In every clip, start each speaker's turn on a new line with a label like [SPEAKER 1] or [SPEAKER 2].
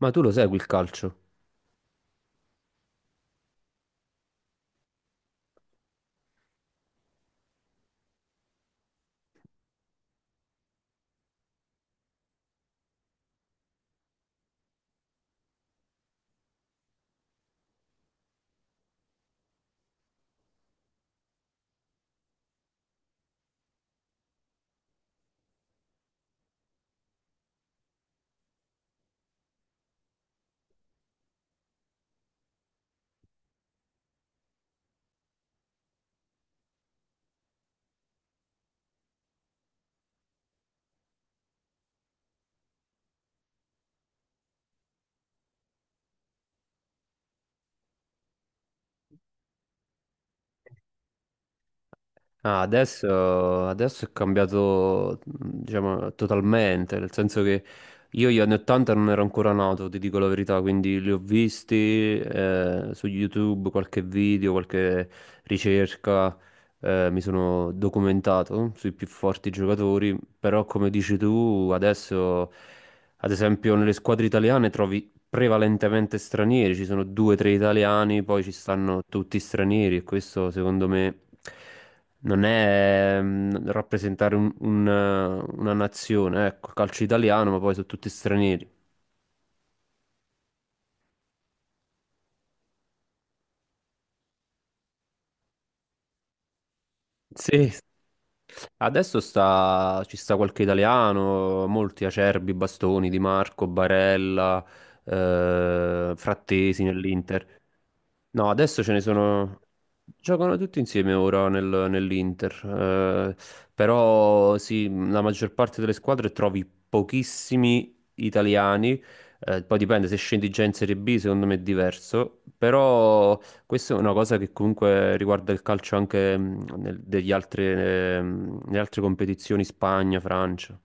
[SPEAKER 1] Ma tu lo segui il calcio? Ah, adesso, adesso è cambiato, diciamo, totalmente, nel senso che io gli anni 80 non ero ancora nato, ti dico la verità, quindi li ho visti su YouTube, qualche video, qualche ricerca, mi sono documentato sui più forti giocatori, però come dici tu, adesso, ad esempio, nelle squadre italiane trovi prevalentemente stranieri, ci sono due o tre italiani, poi ci stanno tutti stranieri e questo secondo me non è rappresentare un una nazione, ecco, calcio italiano, ma poi sono tutti stranieri. Sì. Adesso sta, ci sta qualche italiano, molti Acerbi, Bastoni, Di Marco, Barella, Frattesi nell'Inter. No, adesso ce ne sono... Giocano tutti insieme ora nell'Inter. eh, Però sì, la maggior parte delle squadre trovi pochissimi italiani. Poi dipende, se scendi già in Serie B secondo me è diverso. Però questa è una cosa che comunque riguarda il calcio anche degli altri, nelle altre competizioni, Spagna, Francia.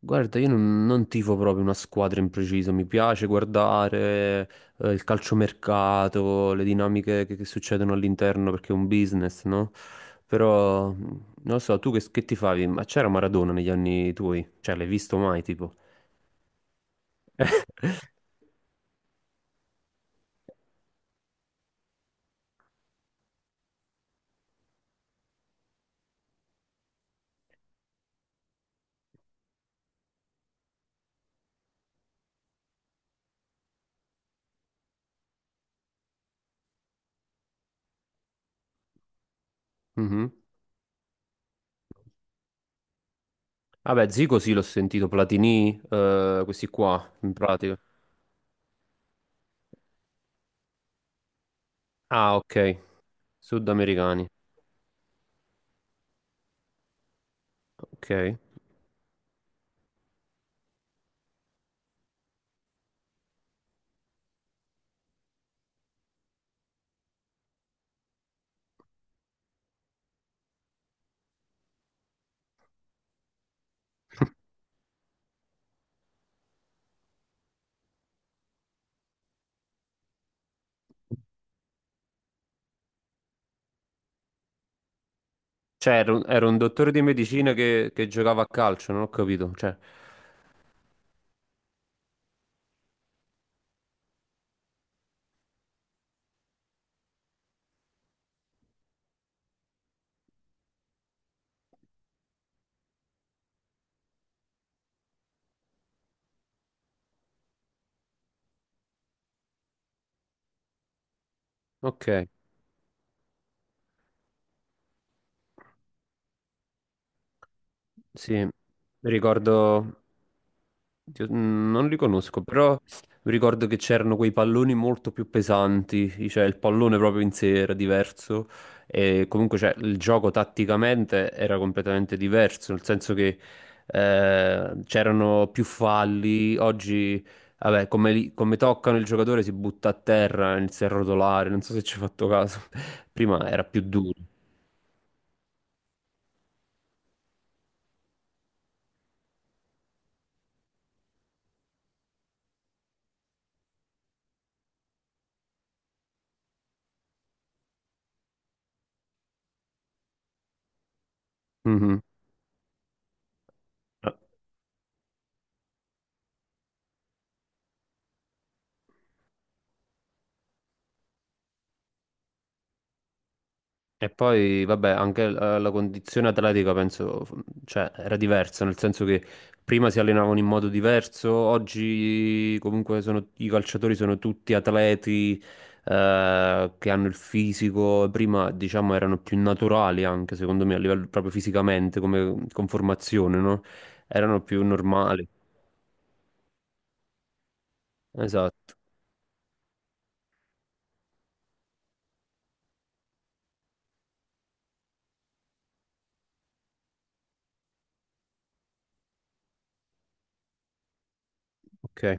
[SPEAKER 1] Guarda, io non tifo proprio una squadra in preciso, mi piace guardare il calciomercato, le dinamiche che succedono all'interno perché è un business, no? Però, non lo so, tu che tifavi? Ma c'era Maradona negli anni tuoi? Cioè, l'hai visto mai, tipo? Mhm. Vabbè, Zico sì, l'ho sentito, Platini, questi qua, in pratica. Ah, ok, sudamericani. Ok. Cioè, era un dottore di medicina che giocava a calcio, non ho capito. Cioè, ok, sì, mi ricordo, Dio, non li conosco, però mi ricordo che c'erano quei palloni molto più pesanti, cioè il pallone proprio in sé era diverso e comunque cioè, il gioco tatticamente era completamente diverso, nel senso che c'erano più falli, oggi vabbè, come, come toccano il giocatore si butta a terra, inizia a rotolare, non so se ci hai fatto caso, prima era più duro. Mhm. E poi, vabbè, anche la condizione atletica penso, cioè, era diversa, nel senso che prima si allenavano in modo diverso, oggi comunque i calciatori sono tutti atleti, che hanno il fisico, prima diciamo erano più naturali anche, secondo me, a livello proprio fisicamente, come conformazione, no? Erano più normali. Esatto, ok.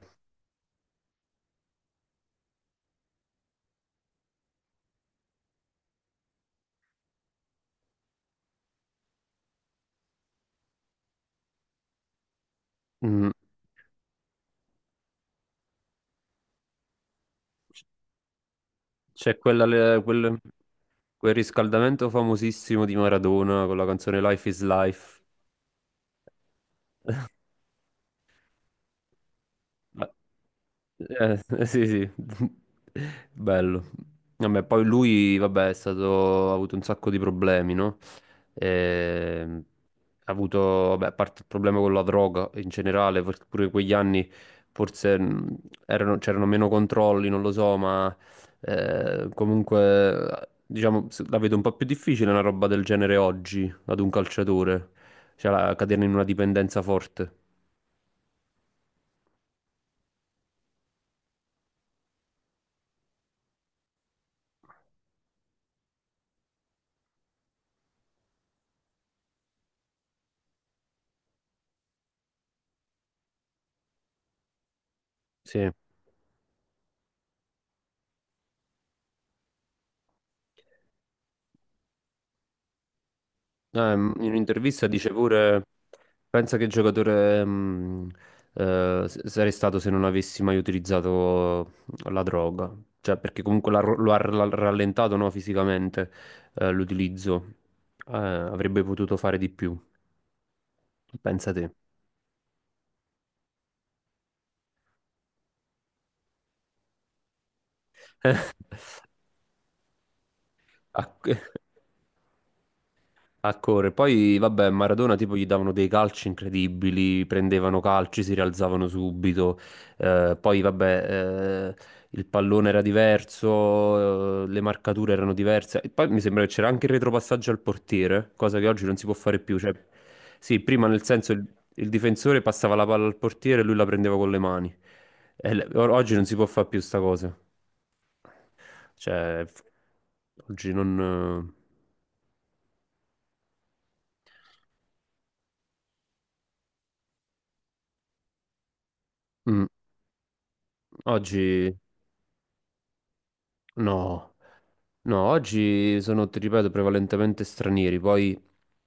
[SPEAKER 1] Mm. C'è quel riscaldamento famosissimo di Maradona con la canzone Life is Life. Ah, sì, sì, bello. Vabbè, poi lui, vabbè, è stato, ha avuto un sacco di problemi, no? Ehm, ha avuto, vabbè, a parte il problema con la droga in generale, perché pure quegli anni forse c'erano meno controlli, non lo so, ma comunque, diciamo, la vedo un po' più difficile una roba del genere oggi, ad un calciatore, cioè cadere in una dipendenza forte. Sì. In un'intervista dice pure, pensa che giocatore sarei stato se non avessi mai utilizzato la droga, cioè perché comunque l'ha ro- lo ha ra- rallentato no, fisicamente l'utilizzo. Avrebbe potuto fare di più, pensa te. Ah, a correre. Poi, vabbè, Maradona tipo gli davano dei calci incredibili, prendevano calci, si rialzavano subito. Poi, vabbè, il pallone era diverso, le marcature erano diverse. E poi mi sembra che c'era anche il retropassaggio al portiere, cosa che oggi non si può fare più. Cioè, sì, prima nel senso il difensore passava la palla al portiere e lui la prendeva con le mani. E oggi non si può fare più sta cosa. Cioè, oggi non... eh, mm, oggi no. No, oggi sono, ti ripeto, prevalentemente stranieri, poi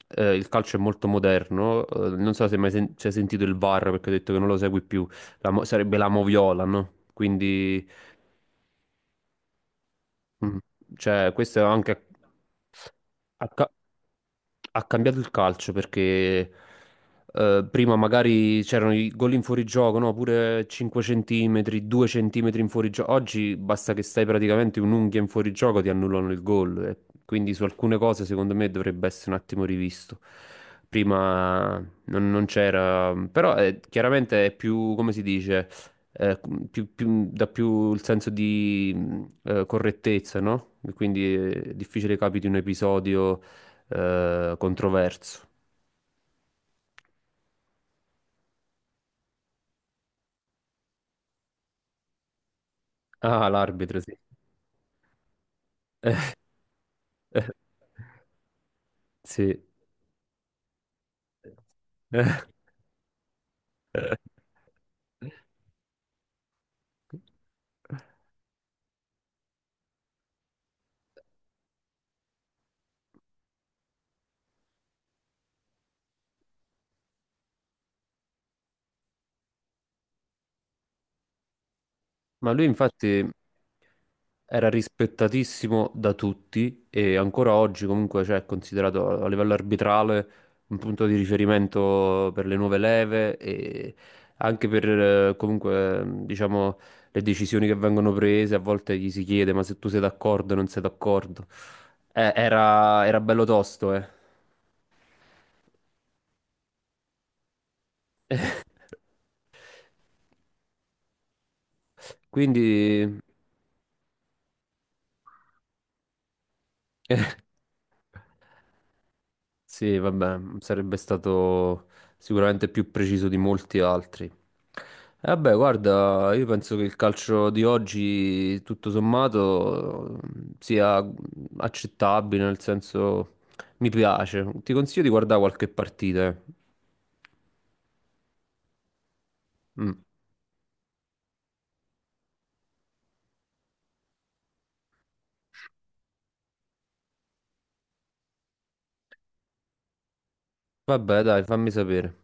[SPEAKER 1] il calcio è molto moderno, non so se hai mai ci hai sentito il VAR perché ho detto che non lo segui più. Sarebbe la moviola, no? Quindi, mm, cioè, questo è anche... a ca- ha cambiato il calcio perché prima magari c'erano i gol in fuorigioco, no? Pure 5 centimetri, 2 centimetri in fuorigioco. Oggi basta che stai praticamente un'unghia in fuorigioco, ti annullano il gol. E quindi su alcune cose secondo me dovrebbe essere un attimo rivisto. Prima non c'era, però chiaramente è più, come si dice, eh, dà più il senso di correttezza, no? E quindi è difficile capiti un episodio controverso. Ah, l'arbitro, sì. Eh, sì. Eh. Ma lui infatti era rispettatissimo da tutti e ancora oggi comunque cioè, è considerato a livello arbitrale un punto di riferimento per le nuove leve e anche per comunque diciamo le decisioni che vengono prese, a volte gli si chiede ma se tu sei d'accordo o non sei d'accordo. Era, era bello tosto, eh. Quindi sì, vabbè, sarebbe stato sicuramente più preciso di molti altri. E vabbè, guarda, io penso che il calcio di oggi, tutto sommato, sia accettabile, nel senso mi piace. Ti consiglio di guardare qualche partita. Eh. Mm. Vabbè, dai, fammi sapere.